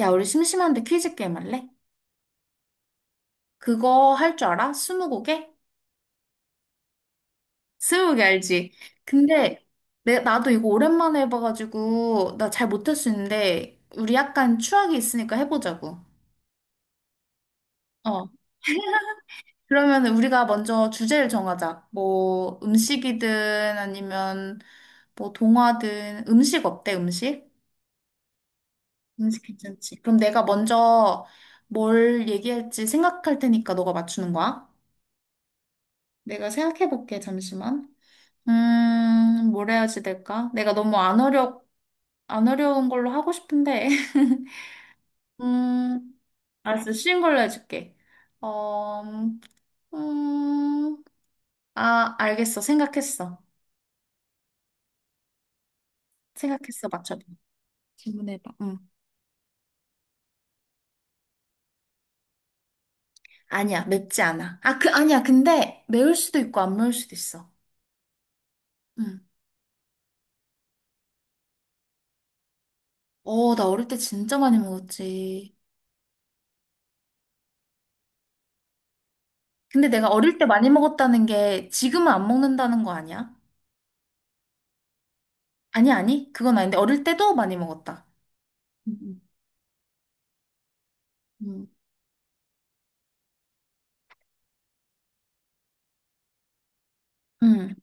야, 우리 심심한데 퀴즈 게임 할래? 그거 할 줄 알아? 스무고개? 스무고개 알지? 근데 나도 이거 오랜만에 해봐가지고 나 잘 못할 수 있는데 우리 약간 추억이 있으니까 해보자고. 어. 그러면 우리가 먼저 주제를 정하자. 뭐 음식이든 아니면 뭐 동화든 음식 어때? 음식? 음식 괜찮지? 그럼 내가 먼저 뭘 얘기할지 생각할 테니까 너가 맞추는 거야? 내가 생각해볼게, 잠시만. 뭘 해야지 될까? 내가 너무 안 어려, 안 어려운 걸로 하고 싶은데. 음, 알았어. 쉬운 걸로 해줄게. 어, 음, 아, 알겠어. 생각했어. 생각했어. 맞춰봐. 질문해봐. 응. 아니야, 맵지 않아. 아니야. 근데 매울 수도 있고 안 매울 수도 있어. 응. 어, 나 어릴 때 진짜 많이 먹었지. 근데 내가 어릴 때 많이 먹었다는 게 지금은 안 먹는다는 거 아니야? 아니, 아니. 그건 아닌데 어릴 때도 많이 먹었다. 음. 음. 음. 음.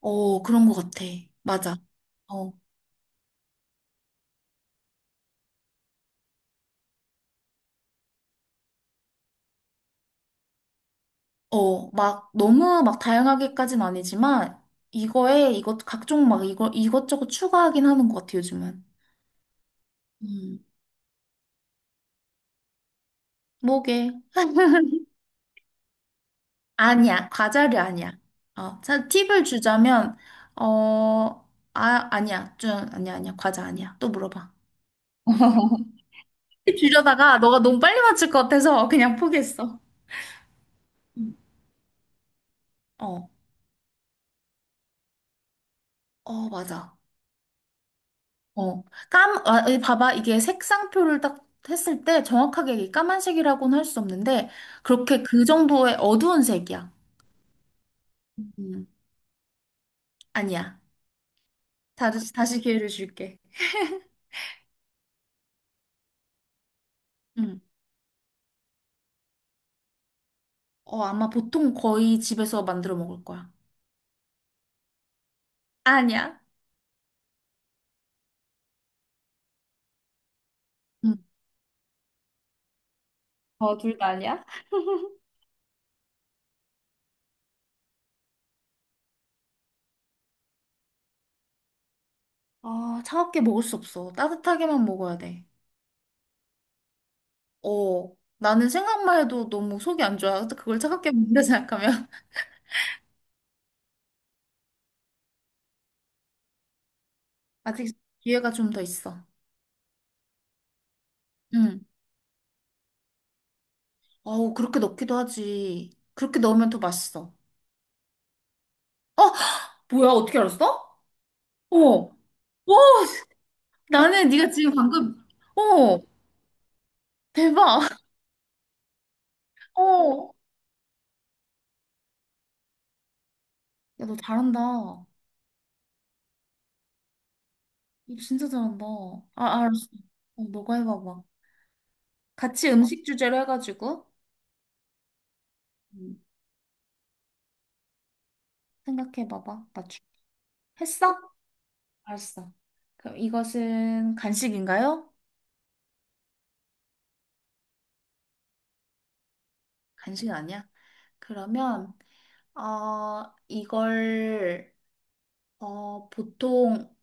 어, 그런 것 같아. 맞아. 어, 어, 너무 다양하게까진 아니지만 이거에 이것 각종 막 이거 이것저것 추가하긴 하는 것 같아 요즘은. 음, 뭐게? 아니야, 과자류 아니야. 어, 자, 팁을 주자면 어, 아, 아니야, 좀 아니야, 아니야, 과자 아니야. 또 물어봐. 팁 주려다가 너가 너무 빨리 맞출 것 같아서 그냥 포기했어. 음. 어, 어, 맞아. 어, 아, 이 봐봐. 이게 색상표를 딱 했을 때 정확하게 이 까만색이라고는 할 수 없는데, 그렇게 그 정도의 어두운 색이야. 음, 아니야. 다시 기회를 줄게. 음. 어, 아마 보통 거의 집에서 만들어 먹을 거야. 아니야. 음. 어, 둘 다 아니야? 아, 차갑게 먹을 수 없어. 따뜻하게만 먹어야 돼. 어, 나는 생각만 해도 너무 속이 안 좋아. 그걸 차갑게 먹는다 생각하면. 아직 기회가 좀 더 있어. 응. 어우, 그렇게 넣기도 하지. 그렇게 넣으면 더 맛있어. 어, 뭐야, 어떻게 알았어? 어, 와, 나는 네가 지금 방금, 어, 대박. 어, 야, 너 잘한다. 너 진짜 잘한다. 아, 알았어. 어, 너가 해봐봐. 같이 음식 주제로 해가지고, 음, 생각해봐봐. 맞추. 했어? 알았어. 그럼 이것은 간식인가요? 간식 아니야. 그러면, 어, 이걸, 어, 보통,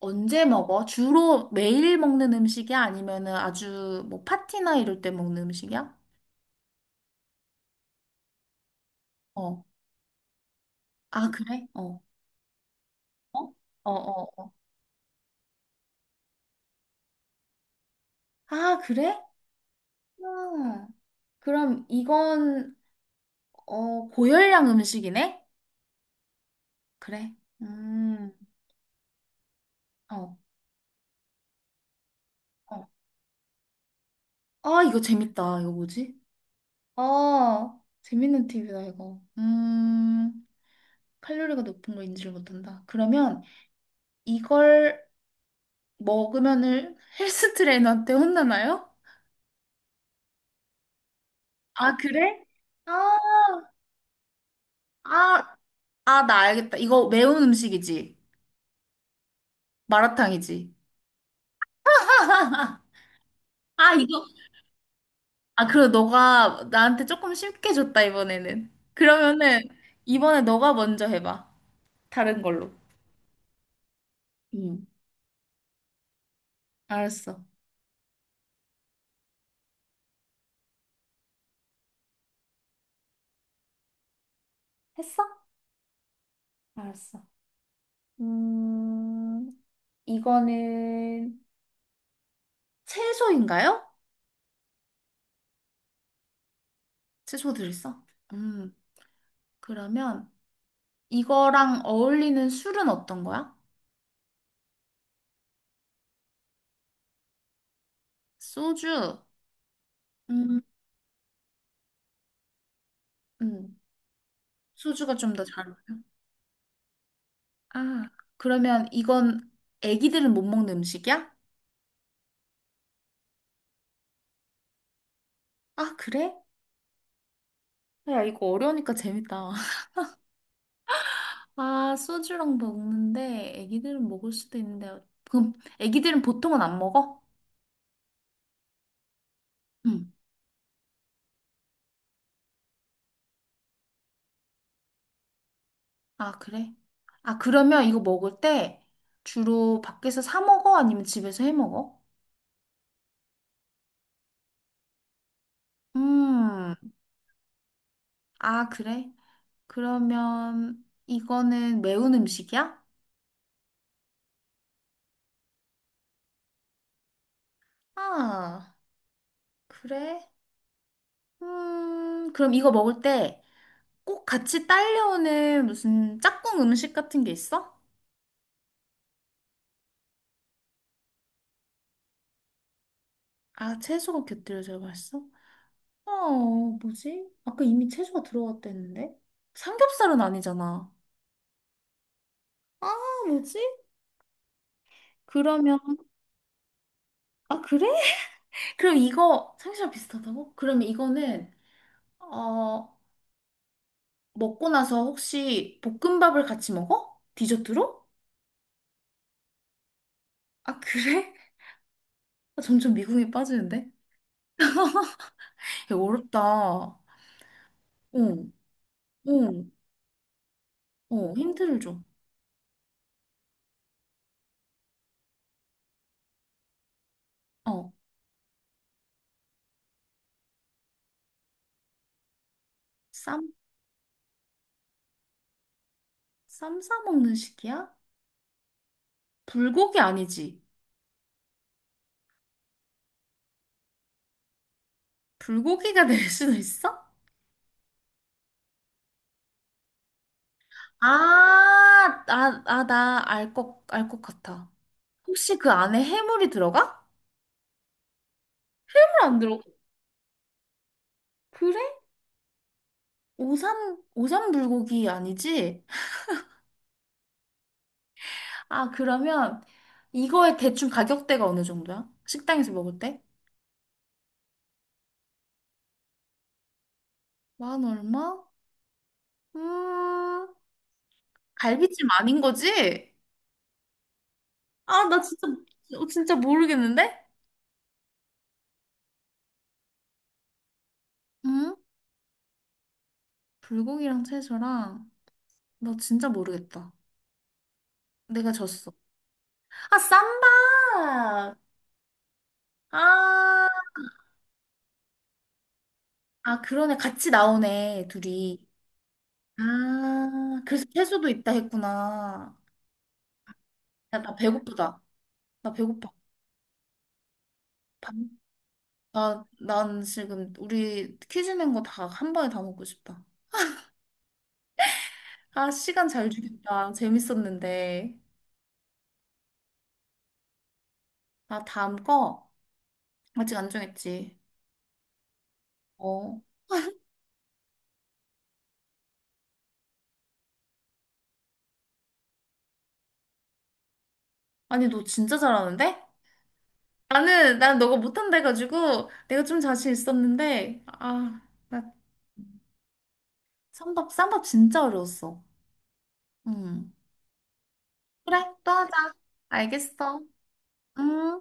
언제 먹어? 주로 매일 먹는 음식이야? 아니면은 아주 뭐 파티나 이럴 때 먹는 음식이야? 어. 아, 그래? 어. 어? 어, 어. 아, 그래? 음. 그럼 이건, 어, 고열량 음식이네? 그래. 음. 어. 어. 아, 이거 재밌다. 이거 뭐지? 아, 재밌는 팁이다, 이거. 음. 칼로리가 높은 거 인지를 못한다. 그러면 이걸 먹으면은 헬스 트레이너한테 혼나나요? 아, 그래? 아, 아, 아, 나 알겠다. 이거 매운 음식이지. 마라탕이지. 아, 이거. 아, 그리고 너가 나한테 조금 쉽게 줬다, 이번에는. 그러면은, 이번에 너가 먼저 해봐. 다른 걸로. 응, 알았어. 했어? 알았어. 음, 이거는, 채소인가요? 채소 들었어? 음, 그러면 이거랑 어울리는 술은 어떤 거야? 소주. 음. 음. 소주가 좀 더 잘 어울려? 아, 그러면 이건 애기들은 못 먹는 음식이야? 아, 그래? 야, 이거 어려우니까 재밌다. 아, 소주랑 먹는데 애기들은 먹을 수도 있는데 그럼 애기들은 보통은 안 먹어? 응. 아, 그래? 아, 그러면 이거 먹을 때 주로 밖에서 사 먹어? 아니면 집에서 해 먹어? 음. 아, 그래? 그러면 이거는 매운 음식이야? 아, 그래? 그럼 이거 먹을 때 꼭 같이 딸려오는 무슨 짝꿍 음식 같은 게 있어? 아, 채소가 곁들여져 맛있어? 어, 뭐지? 아까 이미 채소가 들어갔다 했는데? 삼겹살은 아니잖아. 아, 뭐지? 그러면, 아, 그래? 그럼 이거, 삼겹살 비슷하다고? 그러면 이거는, 어, 먹고 나서 혹시 볶음밥을 같이 먹어? 디저트로? 아, 그래? 점점 미궁에 빠지는데? 야, 어렵다. 어, 어, 어, 힌트를 줘. 어. 쌈? 쌈 싸 먹는 식이야? 불고기 아니지? 불고기가 될 수도 있어? 나 알 것, 알 것 같아. 혹시 그 안에 해물이 들어가? 해물 안 들어가. 그래? 오삼, 오삼 불고기 아니지? 아, 그러면 이거의 대충 가격대가 어느 정도야? 식당에서 먹을 때? 만 얼마? 음, 갈비찜 아닌 거지? 아, 나 진짜, 어, 진짜 모르겠는데? 응? 불고기랑 채소랑. 나 진짜 모르겠다. 내가 졌어. 아, 쌈박! 아, 아, 그러네. 같이 나오네, 둘이. 아, 그래서 채소도 있다 했구나. 야, 나 배고프다. 나 배고파. 밥, 난 지금 우리 퀴즈 낸 거 다 한 번에 다 먹고 싶다. 아, 시간 잘 주겠다. 재밌었는데. 아, 다음 거? 아직 안 정했지. 어. 아니, 너 진짜 잘하는데? 나는 난 너가 못한다 해가지고 내가 좀 자신 있었는데 아 나 쌈밥 쌈밥 진짜 어려웠어. 응 그래 또 하자. 알겠어. 음.